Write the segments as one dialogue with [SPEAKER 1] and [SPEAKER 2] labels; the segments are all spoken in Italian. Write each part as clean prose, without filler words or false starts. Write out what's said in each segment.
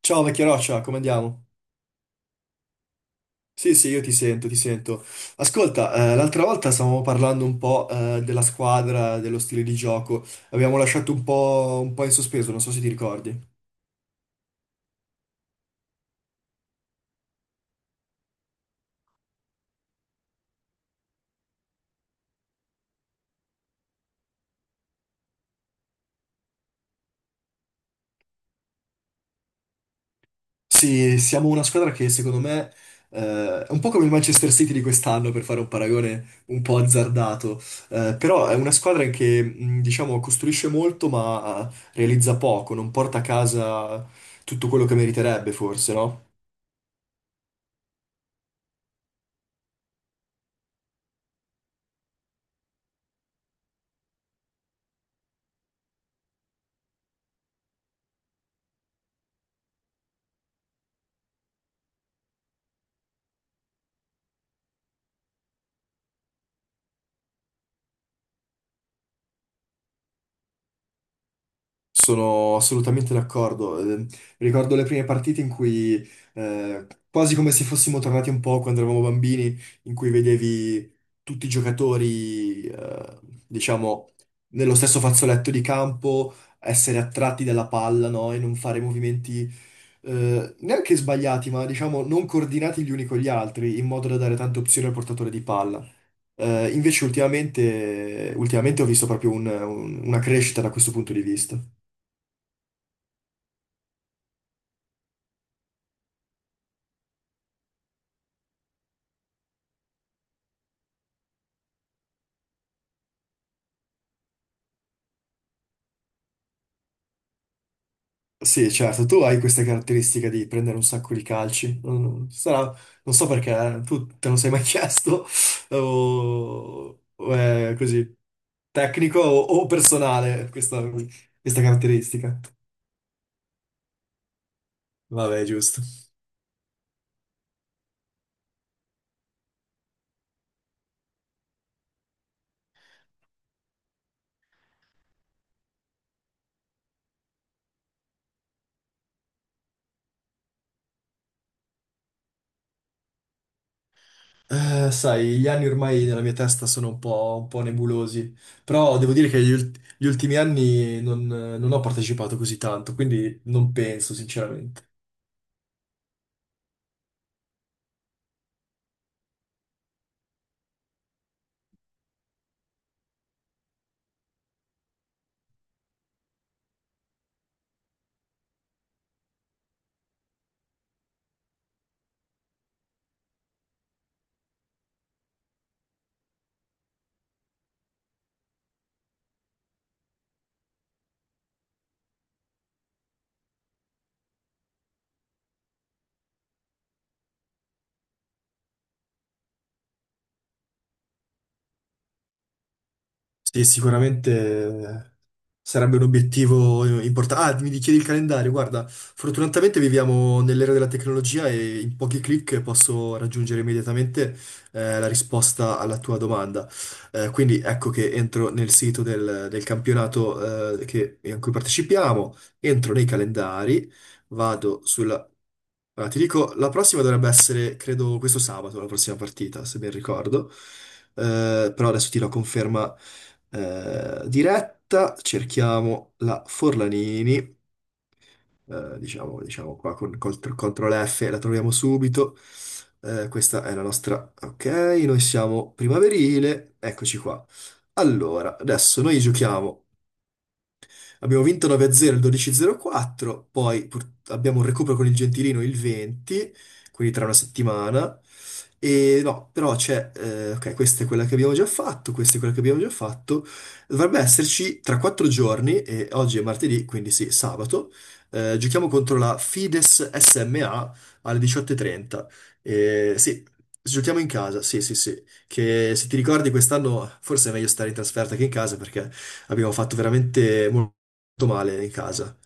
[SPEAKER 1] Ciao vecchia roccia, come andiamo? Sì, sì, io ti sento, ti sento. Ascolta, l'altra volta stavamo parlando un po', della squadra, dello stile di gioco. Abbiamo lasciato un po' in sospeso, non so se ti ricordi. Sì, siamo una squadra che secondo me, è un po' come il Manchester City di quest'anno, per fare un paragone un po' azzardato. Però è una squadra che, diciamo, costruisce molto ma realizza poco, non porta a casa tutto quello che meriterebbe, forse, no? Sono assolutamente d'accordo. Ricordo le prime partite in cui, quasi come se fossimo tornati un po' quando eravamo bambini, in cui vedevi tutti i giocatori, diciamo, nello stesso fazzoletto di campo, essere attratti dalla palla, no? E non fare movimenti, neanche sbagliati, ma diciamo non coordinati gli uni con gli altri, in modo da dare tante opzioni al portatore di palla. Invece ultimamente ho visto proprio una crescita da questo punto di vista. Sì, certo, tu hai questa caratteristica di prendere un sacco di calci. Non so perché, tu te lo sei mai chiesto, o è così, tecnico o personale, questa caratteristica. Vabbè, giusto. Sai, gli anni ormai nella mia testa sono un po' nebulosi, però devo dire che gli ultimi anni non ho partecipato così tanto, quindi non penso, sinceramente. Sì, sicuramente sarebbe un obiettivo importante. Ah, mi chiedi il calendario. Guarda, fortunatamente viviamo nell'era della tecnologia e in pochi clic posso raggiungere immediatamente la risposta alla tua domanda. Quindi ecco che entro nel sito del campionato in cui partecipiamo, entro nei calendari. Vado sulla... Allora, ti dico, la prossima dovrebbe essere, credo, questo sabato, la prossima partita, se ben ricordo. Però adesso ti do conferma diretta. Cerchiamo la Forlanini, diciamo qua CTRL F, la troviamo subito. Questa è la nostra... Ok, noi siamo primaverile, eccoci qua. Allora, adesso noi giochiamo. Abbiamo vinto 9-0 il 12-04, poi abbiamo un recupero con il Gentilino il 20, quindi tra una settimana. E no, però c'è, ok, questa è quella che abbiamo già fatto, questa è quella che abbiamo già fatto. Dovrebbe esserci tra quattro giorni, e oggi è martedì, quindi sì, sabato. Giochiamo contro la Fides SMA alle 18:30. Sì, giochiamo in casa, sì, sì, sì. Che se ti ricordi quest'anno forse è meglio stare in trasferta che in casa perché abbiamo fatto veramente molto male in casa.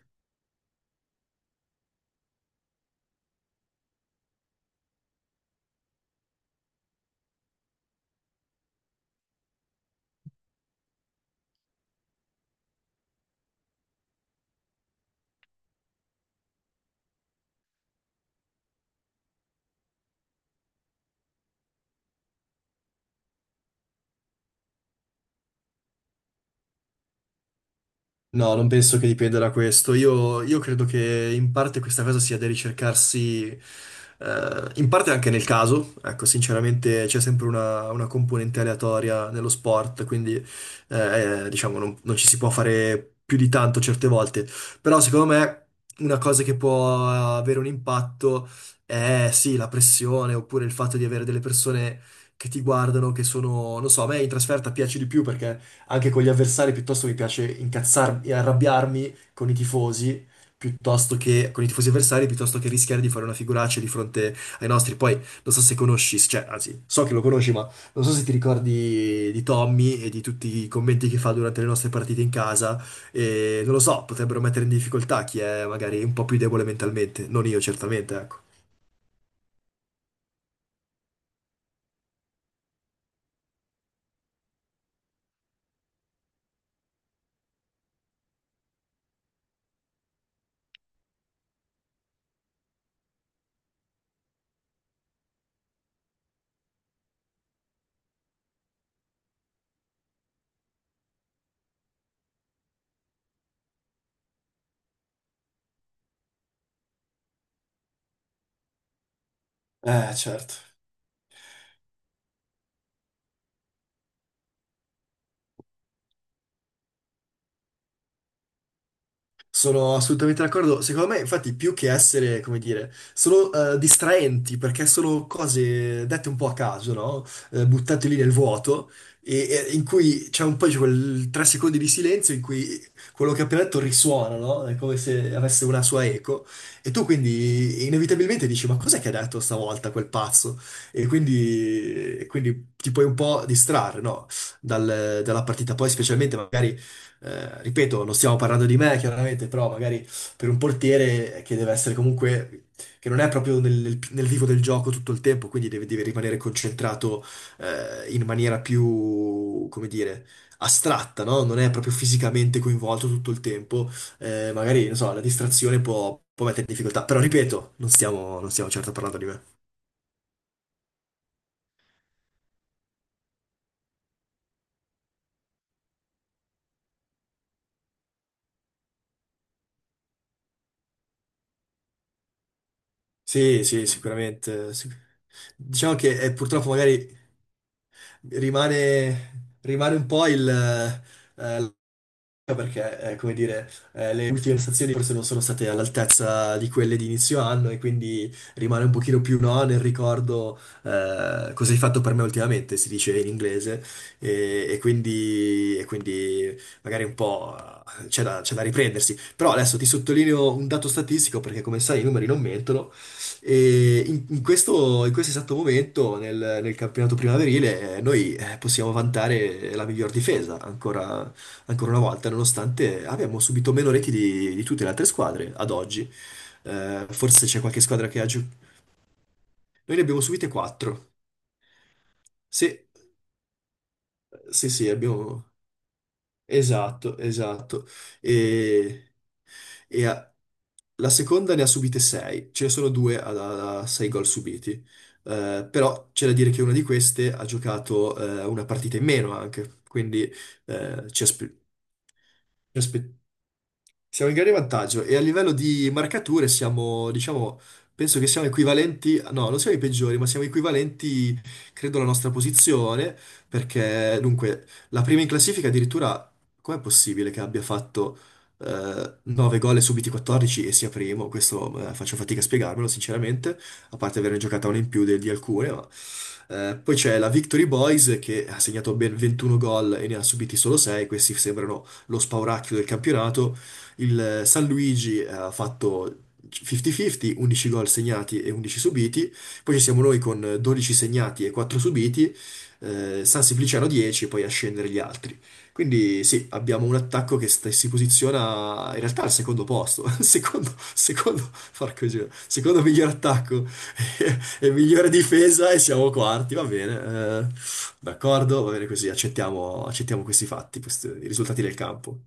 [SPEAKER 1] No, non penso che dipenda da questo. Io credo che in parte questa cosa sia da ricercarsi, in parte anche nel caso. Ecco, sinceramente c'è sempre una componente aleatoria nello sport, quindi diciamo non ci si può fare più di tanto certe volte. Però secondo me una cosa che può avere un impatto è sì, la pressione oppure il fatto di avere delle persone che ti guardano, che sono, non so, a me in trasferta piace di più perché anche con gli avversari, piuttosto mi piace incazzarmi e arrabbiarmi con i tifosi, piuttosto che con i tifosi avversari, piuttosto che rischiare di fare una figuraccia di fronte ai nostri. Poi non so se conosci, cioè, anzi, so che lo conosci, ma non so se ti ricordi di Tommy e di tutti i commenti che fa durante le nostre partite in casa. E non lo so, potrebbero mettere in difficoltà chi è magari un po' più debole mentalmente, non io certamente, ecco. Certo. Sono assolutamente d'accordo. Secondo me, infatti, più che essere, come dire, sono distraenti perché sono cose dette un po' a caso, no? Buttate lì nel vuoto, e in cui c'è un po' di quel 3 secondi di silenzio in cui quello che ho appena detto risuona, no? È come se avesse una sua eco. E tu quindi inevitabilmente dici: Ma cos'è che ha detto stavolta quel pazzo? E quindi ti puoi un po' distrarre, no? Dalla partita. Poi, specialmente magari ripeto, non stiamo parlando di me, chiaramente, però magari per un portiere che deve essere comunque, che non è proprio nel vivo del gioco tutto il tempo, quindi deve rimanere concentrato in maniera più, come dire, astratta, no? Non è proprio fisicamente coinvolto tutto il tempo, magari, non so, la distrazione può mettere in difficoltà, però ripeto, non stiamo certo parlando di me. Sì, sì, sicuramente. Diciamo che purtroppo magari rimane un po' il, eh, perché, eh, come dire, le ultime prestazioni forse non sono state all'altezza di quelle di inizio anno e quindi rimane un pochino più no nel ricordo cosa hai fatto per me ultimamente, si dice in inglese, e quindi magari un po' c'è da riprendersi. Però adesso ti sottolineo un dato statistico perché come sai i numeri non mentono e in questo esatto momento nel campionato primaverile noi possiamo vantare la miglior difesa ancora ancora una volta, nonostante abbiamo subito meno reti di tutte le altre squadre ad oggi. Forse c'è qualche squadra che ha giocato. Noi ne abbiamo subite 4. Sì, sì, sì, abbiamo. Esatto, esatto. E, e a- la seconda ne ha subite 6, ce ne sono due a, 6 gol subiti. Però c'è da dire che una di queste ha giocato una partita in meno anche, quindi eh, ci aspe- ci aspe- siamo in grande vantaggio e a livello di marcature siamo, diciamo, penso che siamo equivalenti, no, non siamo i peggiori, ma siamo equivalenti, credo, alla nostra posizione, perché dunque la prima in classifica addirittura. Com'è possibile che abbia fatto 9 gol e subiti 14 e sia primo? Questo faccio fatica a spiegarmelo, sinceramente, a parte averne giocata una in più di alcune, ma... Poi c'è la Victory Boys che ha segnato ben 21 gol e ne ha subiti solo 6, questi sembrano lo spauracchio del campionato. Il San Luigi ha fatto 50-50, 11 gol segnati e 11 subiti, poi ci siamo noi con 12 segnati e 4 subiti, San Simpliciano 10 e poi a scendere gli altri. Quindi sì, abbiamo un attacco che si posiziona in realtà al secondo posto, porco Dio, secondo miglior attacco e migliore difesa e siamo quarti, va bene, d'accordo, va bene così, accettiamo, accettiamo questi fatti, questi, i risultati del campo.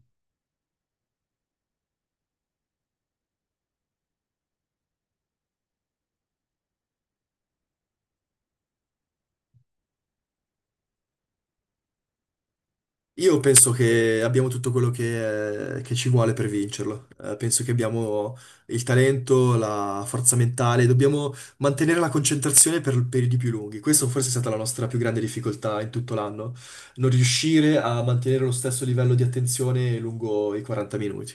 [SPEAKER 1] Io penso che abbiamo tutto quello che ci vuole per vincerlo. Penso che abbiamo il talento, la forza mentale, dobbiamo mantenere la concentrazione per periodi più lunghi. Questa forse è stata la nostra più grande difficoltà in tutto l'anno, non riuscire a mantenere lo stesso livello di attenzione lungo i 40 minuti.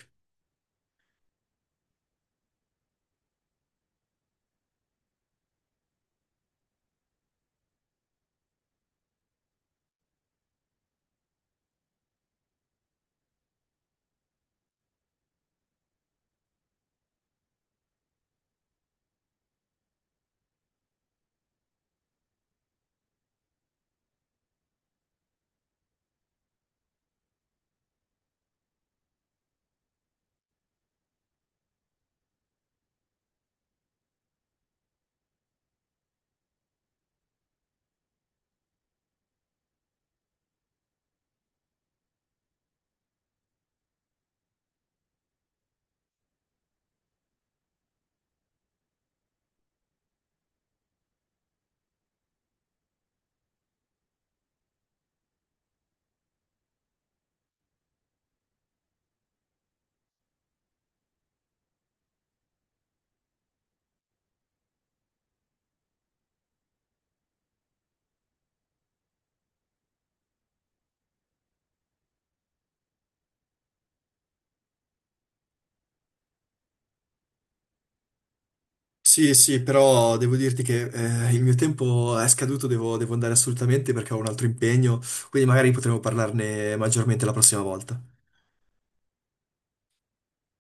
[SPEAKER 1] Sì, sì, però devo dirti che il mio tempo è scaduto, devo andare assolutamente perché ho un altro impegno, quindi magari potremo parlarne maggiormente la prossima volta.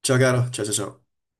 [SPEAKER 1] Ciao caro, ciao ciao ciao.